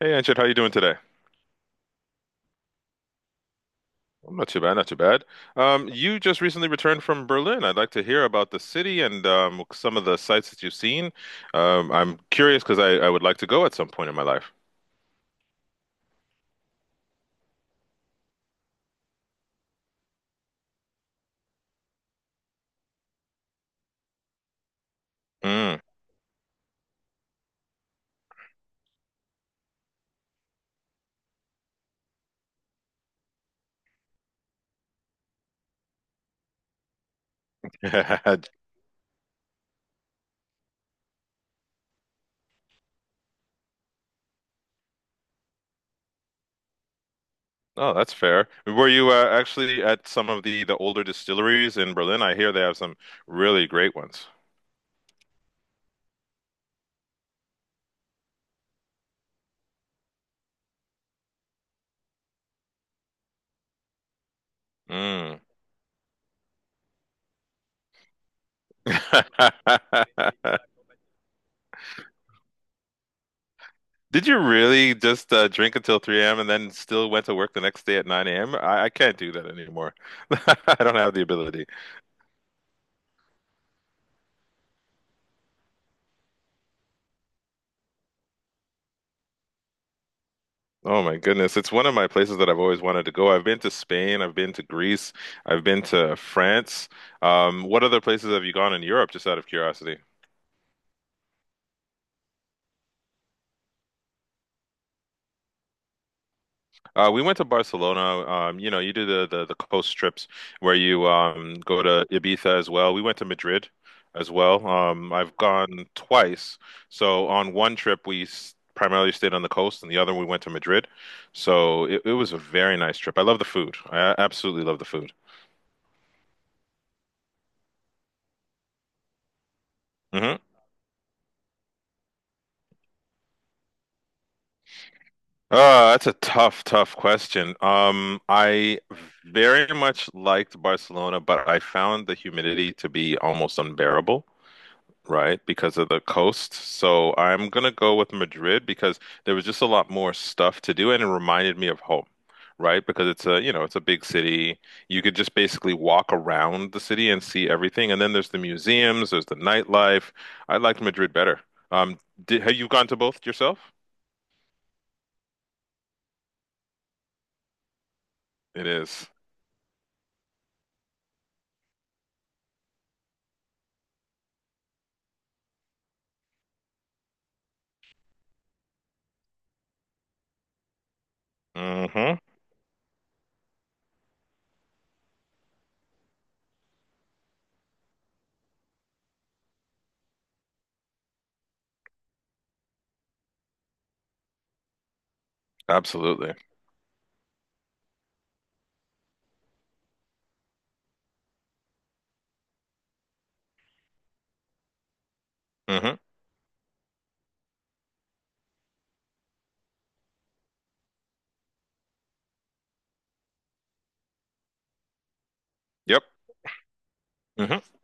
Hey, Anchit, how you doing today? I'm not too bad, not too bad. You just recently returned from Berlin. I'd like to hear about the city and some of the sights that you've seen. I'm curious because I would like to go at some point in my life. Mm. Oh, that's fair. Were you actually at some of the older distilleries in Berlin? I hear they have some really great ones. Mm. Did you really just drink until 3 a.m. and then still went to work the next day at 9 a.m.? I can't do that anymore. I don't have the ability. Oh my goodness. It's one of my places that I've always wanted to go. I've been to Spain, I've been to Greece, I've been to France. What other places have you gone in Europe, just out of curiosity? We went to Barcelona. You know, you do the coast trips where you go to Ibiza as well. We went to Madrid as well. I've gone twice. So on one trip we s primarily stayed on the coast, and the other we went to Madrid. So it was a very nice trip. I love the food. I absolutely love the food. Hmm. That's a tough question. I very much liked Barcelona, but I found the humidity to be almost unbearable. Right? Because of the coast. So I'm gonna go with Madrid because there was just a lot more stuff to do and it reminded me of home, right? Because it's you know, it's a big city. You could just basically walk around the city and see everything. And then there's the museums, there's the nightlife. I liked Madrid better. Um, did, have you gone to both yourself? It is. Mm-hmm. Absolutely. Mm-hmm. Yep. Mm-hmm.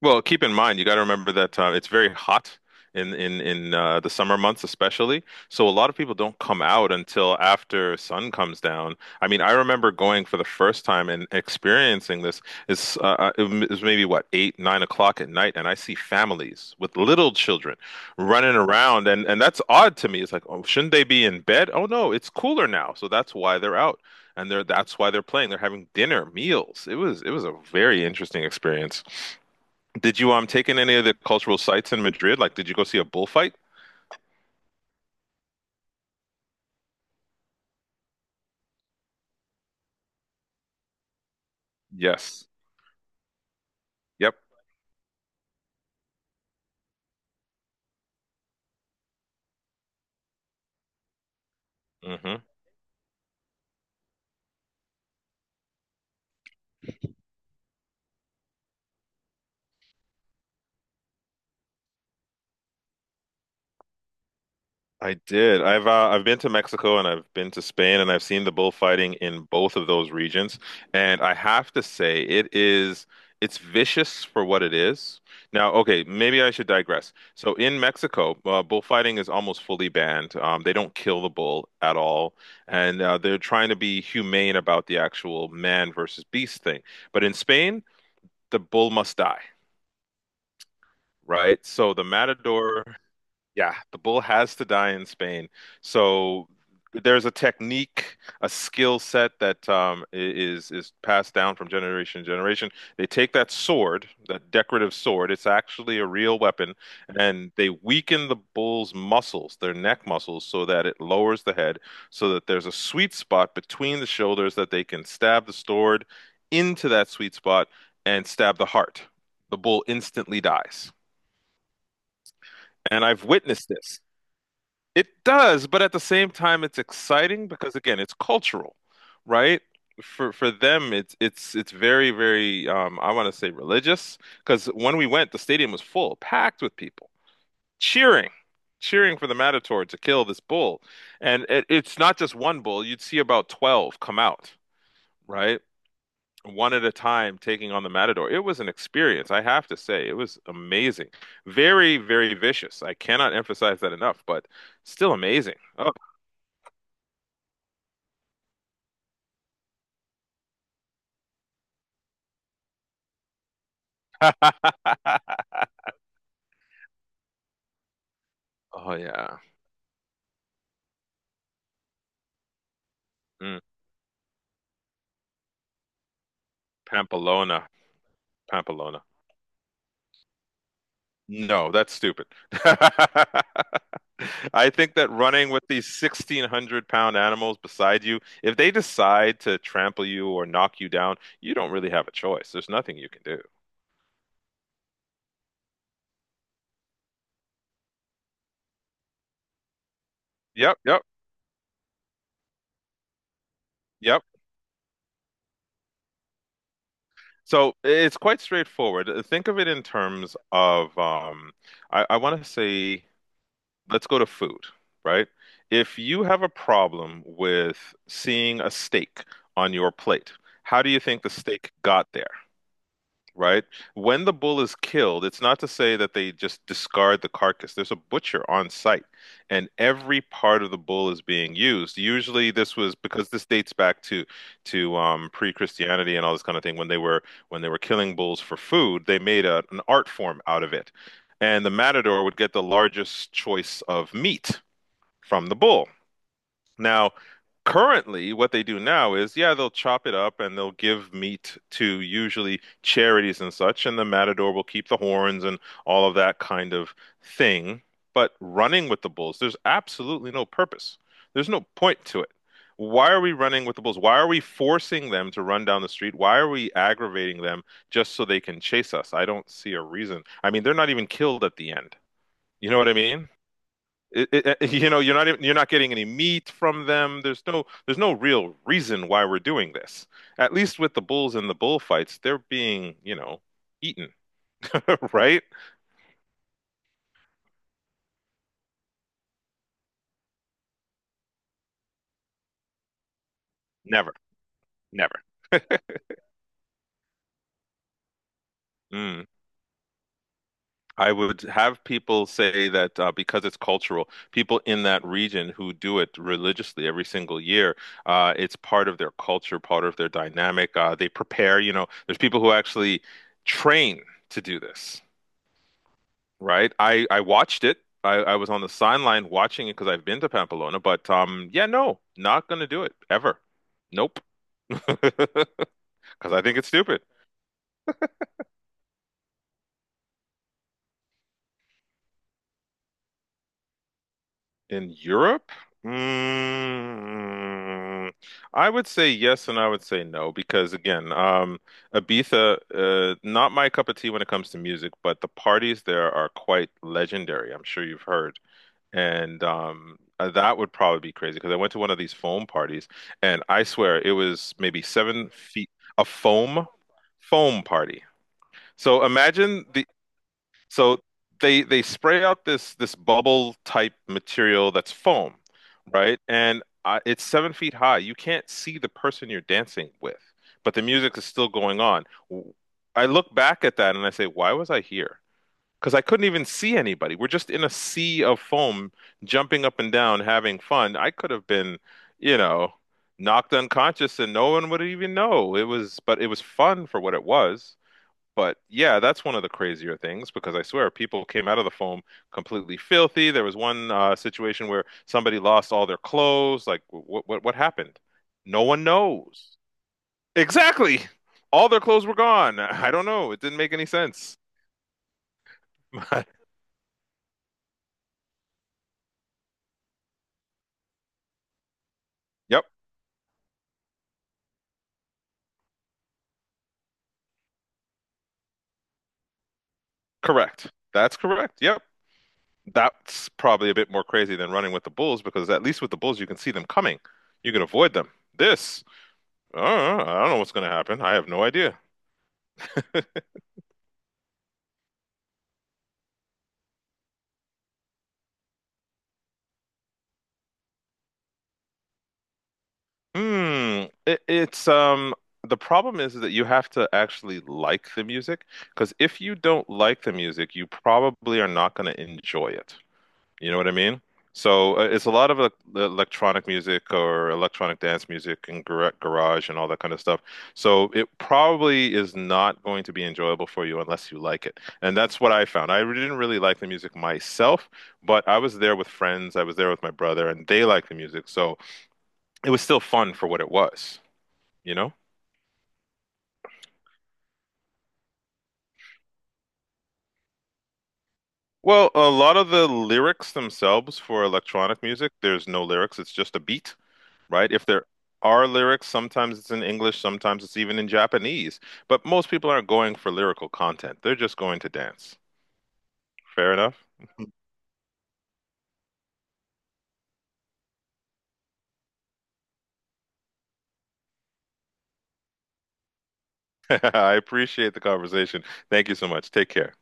Well, keep in mind, you got to remember that it's very hot in in the summer months, especially. So a lot of people don't come out until after sun comes down. I mean, I remember going for the first time and experiencing this. It's it it was maybe what eight, 9 o'clock at night, and I see families with little children running around, and that's odd to me. It's like, oh, shouldn't they be in bed? Oh no, it's cooler now, so that's why they're out, and they're that's why they're playing. They're having dinner meals. It was a very interesting experience. Did you take in any of the cultural sites in Madrid? Like, did you go see a bullfight? Yes. Yep. Hmm. I did. I've been to Mexico and I've been to Spain and I've seen the bullfighting in both of those regions. And I have to say, it's vicious for what it is. Now, okay, maybe I should digress. So in Mexico, bullfighting is almost fully banned. They don't kill the bull at all, and they're trying to be humane about the actual man versus beast thing. But in Spain, the bull must die. Right? So the matador, yeah, the bull has to die in Spain. So there's a technique, a skill set that is passed down from generation to generation. They take that sword, that decorative sword, it's actually a real weapon, and they weaken the bull's muscles, their neck muscles, so that it lowers the head, so that there's a sweet spot between the shoulders that they can stab the sword into that sweet spot and stab the heart. The bull instantly dies and I've witnessed this. It does, but at the same time, it's exciting because again, it's cultural, right? For them, it's very I want to say religious because when we went, the stadium was full, packed with people cheering, cheering for the Matador to kill this bull, and it's not just one bull. You'd see about 12 come out, right? One at a time taking on the Matador. It was an experience, I have to say. It was amazing. Very, very vicious. I cannot emphasize that enough, but still amazing. Oh, oh yeah. Mm, Pamplona. Pamplona. No, that's stupid. I think that running with these 1600 pound animals beside you, if they decide to trample you or knock you down, you don't really have a choice. There's nothing you can do. Yep, yep, yep. So it's quite straightforward. Think of it in terms of, I want to say, let's go to food, right? If you have a problem with seeing a steak on your plate, how do you think the steak got there? Right? When the bull is killed, it's not to say that they just discard the carcass. There's a butcher on site, and every part of the bull is being used. Usually, this was because this dates back to pre-Christianity and all this kind of thing. When they were killing bulls for food, they made an art form out of it, and the matador would get the largest choice of meat from the bull. Now, currently, what they do now is, yeah, they'll chop it up and they'll give meat to usually charities and such, and the matador will keep the horns and all of that kind of thing. But running with the bulls, there's absolutely no purpose. There's no point to it. Why are we running with the bulls? Why are we forcing them to run down the street? Why are we aggravating them just so they can chase us? I don't see a reason. I mean, they're not even killed at the end. You know what I mean? You know, you're not getting any meat from them. There's no real reason why we're doing this. At least with the bulls and the bullfights, they're being, you know, eaten, right? Never, Never. Mm. I would have people say that because it's cultural, people in that region who do it religiously every single year, it's part of their culture, part of their dynamic. They prepare, you know, there's people who actually train to do this. Right. I watched it. I was on the sideline watching it because I've been to Pamplona, but yeah, no, not gonna do it ever. Nope. Because I think it's stupid. In Europe, mm, I would say yes and I would say no because again, Ibiza, not my cup of tea when it comes to music, but the parties there are quite legendary. I'm sure you've heard. And that would probably be crazy because I went to one of these foam parties and I swear it was maybe 7 feet, a foam party. So imagine the, so they spray out this bubble type material that's foam, right? And it's 7 feet high. You can't see the person you're dancing with, but the music is still going on. W- I look back at that and I say, why was I here? Because I couldn't even see anybody. We're just in a sea of foam, jumping up and down, having fun. I could have been, you know, knocked unconscious and no one would even know. It was fun for what it was. But yeah, that's one of the crazier things because I swear people came out of the foam completely filthy. There was one situation where somebody lost all their clothes. Like, what happened? No one knows. Exactly. All their clothes were gone. I don't know. It didn't make any sense. But, yep. Correct. That's correct. Yep. That's probably a bit more crazy than running with the bulls because at least with the bulls you can see them coming. You can avoid them. This, I don't know what's going to happen. I have no idea. Hmm. It, it's The problem is that you have to actually like the music because if you don't like the music, you probably are not going to enjoy it. You know what I mean? So it's a lot of the electronic music or electronic dance music and garage and all that kind of stuff. So it probably is not going to be enjoyable for you unless you like it. And that's what I found. I really didn't really like the music myself, but I was there with friends, I was there with my brother, and they liked the music. So it was still fun for what it was, you know? Well, a lot of the lyrics themselves for electronic music, there's no lyrics, it's just a beat. Right? If there are lyrics, sometimes it's in English, sometimes it's even in Japanese. But most people aren't going for lyrical content. They're just going to dance. Fair enough. I appreciate the conversation. Thank you so much. Take care.